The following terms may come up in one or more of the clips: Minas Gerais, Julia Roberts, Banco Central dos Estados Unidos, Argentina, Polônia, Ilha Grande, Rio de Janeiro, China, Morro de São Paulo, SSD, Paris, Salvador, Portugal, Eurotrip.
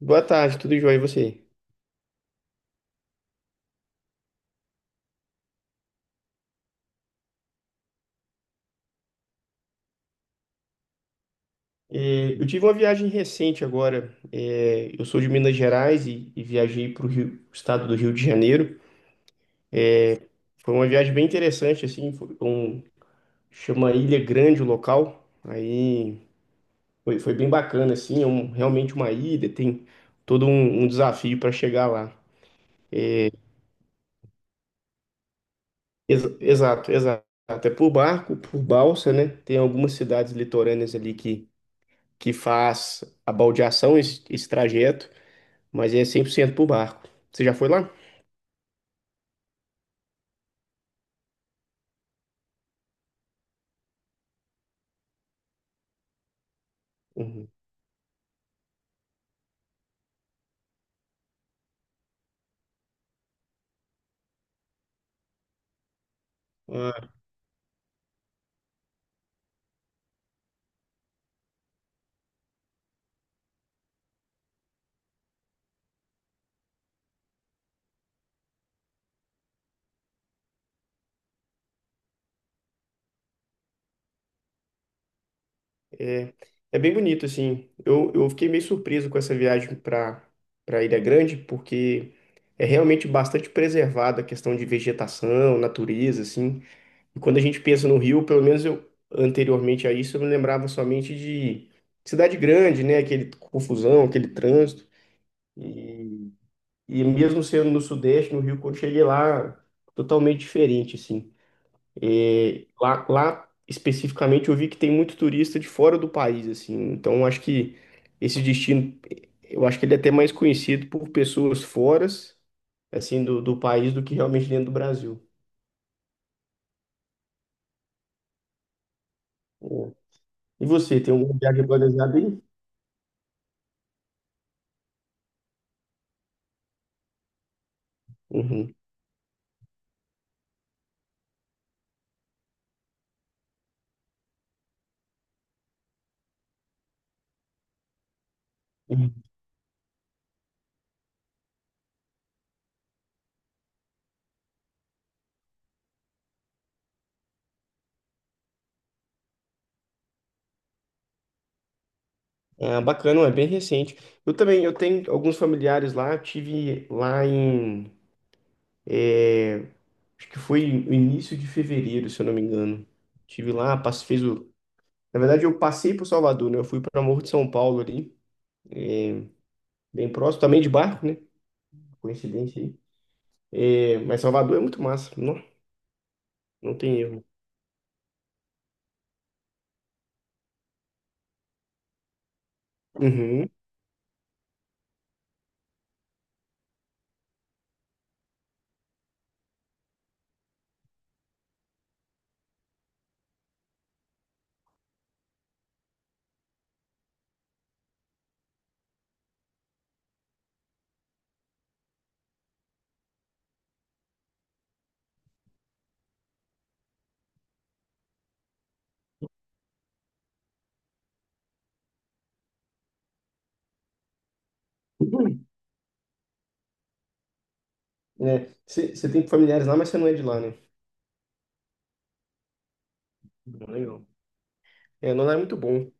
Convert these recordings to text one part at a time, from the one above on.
Boa tarde, tudo jóia e você? É, eu tive uma viagem recente agora. É, eu sou de Minas Gerais e viajei para o estado do Rio de Janeiro. Foi uma viagem bem interessante, assim, chama Ilha Grande o local. Aí foi bem bacana, assim, realmente uma ilha, tem todo um desafio para chegar lá. Exato, exato. É por barco, por balsa, né? Tem algumas cidades litorâneas ali que faz a baldeação, esse trajeto. Mas é 100% pro barco. Você já foi lá? Uhum. Ah, é, é bem bonito, assim. Eu fiquei meio surpreso com essa viagem para Ilha Grande, porque é realmente bastante preservada a questão de vegetação, natureza, assim. E quando a gente pensa no Rio, pelo menos eu, anteriormente a isso, eu me lembrava somente de cidade grande, né? Aquele confusão, aquele trânsito. E, e mesmo sendo no Sudeste, no Rio, quando cheguei lá, totalmente diferente, assim. E lá especificamente eu vi que tem muito turista de fora do país, assim. Então eu acho que esse destino, eu acho que ele é até mais conhecido por pessoas fora, assim, do país do que realmente dentro do Brasil. É. E você, tem alguma viagem planejada aí? Uhum. Uhum. Ah, bacana, é bem recente. Eu também, eu tenho alguns familiares lá, eu tive lá em, é, acho que foi no início de fevereiro, se eu não me engano. Tive lá, fez o... Na verdade, eu passei por Salvador, né? Eu fui para Morro de São Paulo ali, bem próximo, também de barco, né? Coincidência aí. É, mas Salvador é muito massa, não, não tem erro. Uhum. Uhum. É, você tem familiares lá, mas você não é de lá, né? Legal. É, não é muito bom.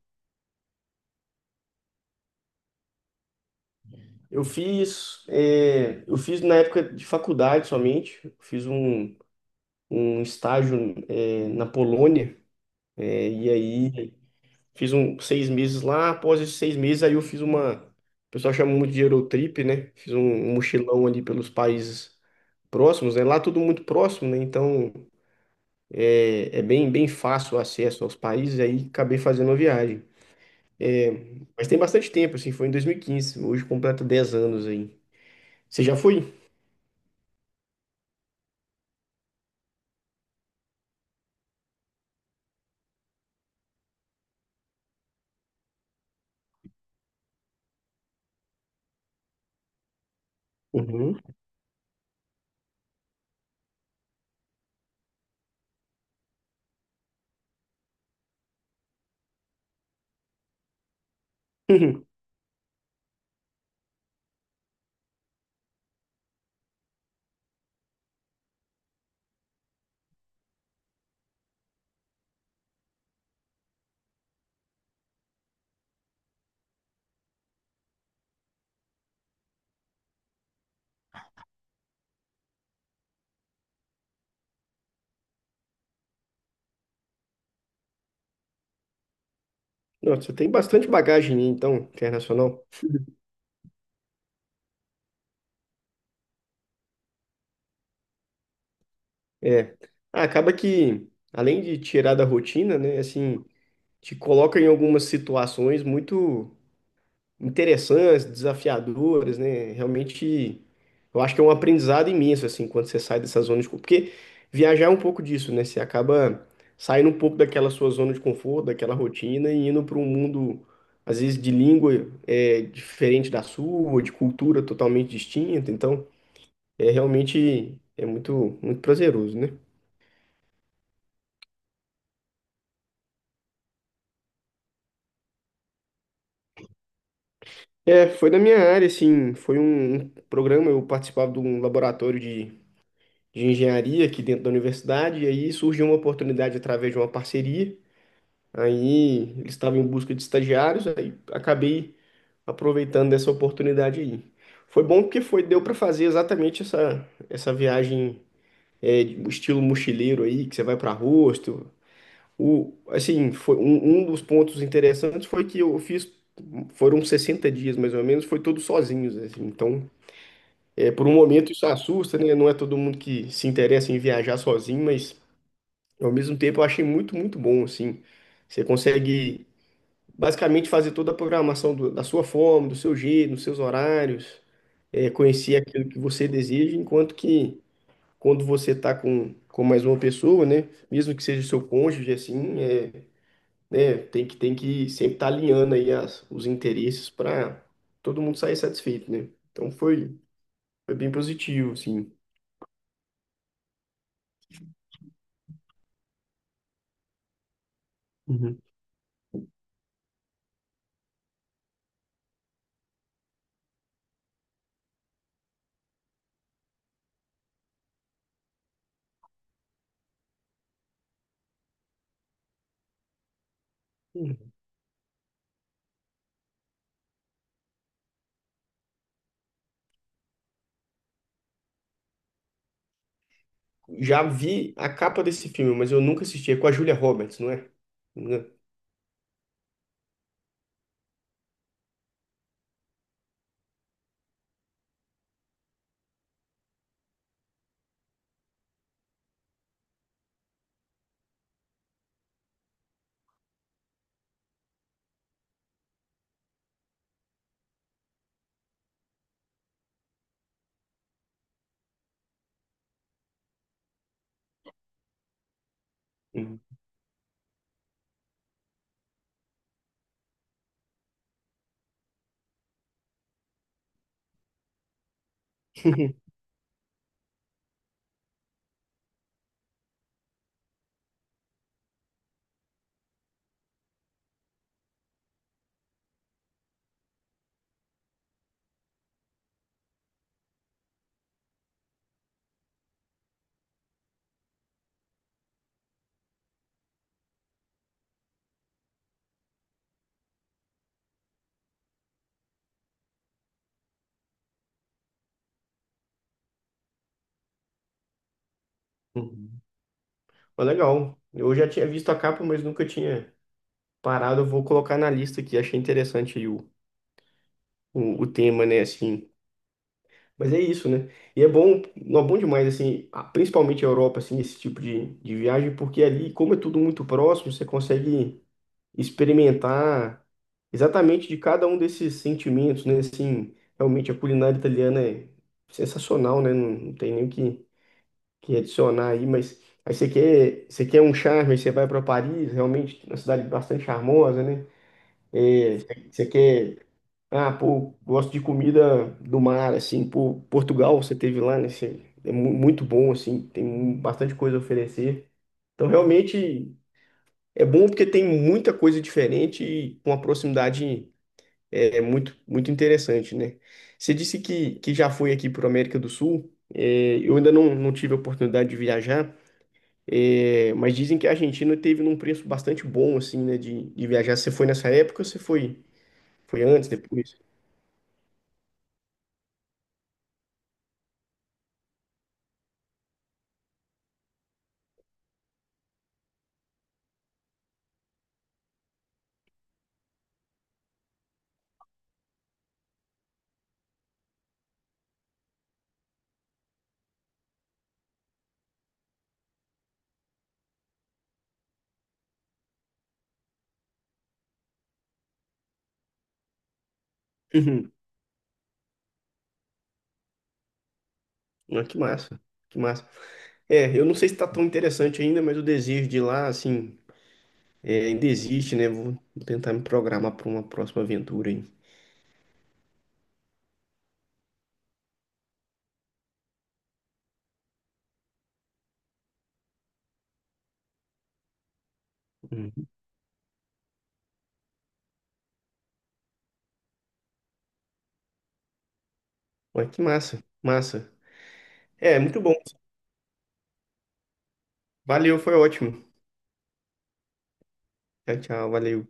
Eu fiz, é, eu fiz na época de faculdade somente, eu fiz um estágio, é, na Polônia, é, e aí fiz 6 meses lá, após esses 6 meses, aí eu fiz uma. O pessoal chama muito de Eurotrip, né? Fiz um mochilão ali pelos países próximos, né? Lá tudo muito próximo, né? Então é, é bem, bem fácil o acesso aos países, aí acabei fazendo uma viagem. É, mas tem bastante tempo, assim, foi em 2015, hoje completa 10 anos aí. Você já foi? Uhum. Nossa, você tem bastante bagagem, então, internacional. É. Ah, acaba que, além de tirar da rotina, né? Assim, te coloca em algumas situações muito interessantes, desafiadoras, né? Realmente, eu acho que é um aprendizado imenso, assim, quando você sai dessa zona de conforto. Porque viajar é um pouco disso, né? Você acaba saindo um pouco daquela sua zona de conforto, daquela rotina e indo para um mundo, às vezes, de língua é, diferente da sua, de cultura totalmente distinta. Então, é realmente é muito, muito prazeroso, né? É, foi da minha área, assim, foi um programa, eu participava de um laboratório de engenharia aqui dentro da universidade, e aí surgiu uma oportunidade através de uma parceria. Aí eles estavam em busca de estagiários, aí acabei aproveitando dessa oportunidade aí. Foi bom porque foi, deu para fazer exatamente essa, essa viagem é, de- estilo mochileiro aí, que você vai para rosto. O, assim, foi um, um dos pontos interessantes foi que eu fiz, foram 60 dias mais ou menos, foi todos sozinhos, assim. Então, é, por um momento isso assusta, né? Não é todo mundo que se interessa em viajar sozinho, mas ao mesmo tempo, eu achei muito, muito bom, assim. Você consegue basicamente fazer toda a programação da sua forma, do seu jeito, nos seus horários, é, conhecer aquilo que você deseja, enquanto que quando você está com mais uma pessoa, né, mesmo que seja o seu cônjuge, assim, é, né, tem que sempre estar alinhando aí as, os interesses para todo mundo sair satisfeito, né? Então foi, foi bem positivo, assim. Uhum. Já vi a capa desse filme, mas eu nunca assisti. É com a Julia Roberts, não é? Não é? Uhum. Uhum. Mas legal. Eu já tinha visto a capa, mas nunca tinha parado. Eu vou colocar na lista aqui. Achei interessante aí o tema, né? Assim. Mas é isso, né? E é bom, não é bom demais, assim, principalmente a Europa, assim, esse tipo de viagem, porque ali, como é tudo muito próximo, você consegue experimentar exatamente de cada um desses sentimentos, né? Assim, realmente a culinária italiana é sensacional, né? Não, não tem nem o que, adicionar aí, mas aí você quer um charme, aí você vai para Paris, realmente uma cidade bastante charmosa, né? Você quer, ah, pô, gosto de comida do mar, assim, pô, Portugal você teve lá, né? É muito bom, assim, tem bastante coisa a oferecer. Então, realmente, é bom porque tem muita coisa diferente e com a proximidade é muito, muito interessante, né? Você disse que já foi aqui para a América do Sul. É, eu ainda não, não tive a oportunidade de viajar, é, mas dizem que a Argentina teve num preço bastante bom, assim, né, de viajar. Você foi nessa época ou você foi, foi antes, depois? Uhum. Ah, que massa, que massa. É, eu não sei se está tão interessante ainda, mas o desejo de ir lá, assim, é, ainda existe, né? Vou tentar me programar para uma próxima aventura aí. Uhum. Ah, que massa, massa. É, muito bom. Valeu, foi ótimo. Tchau, tchau, valeu.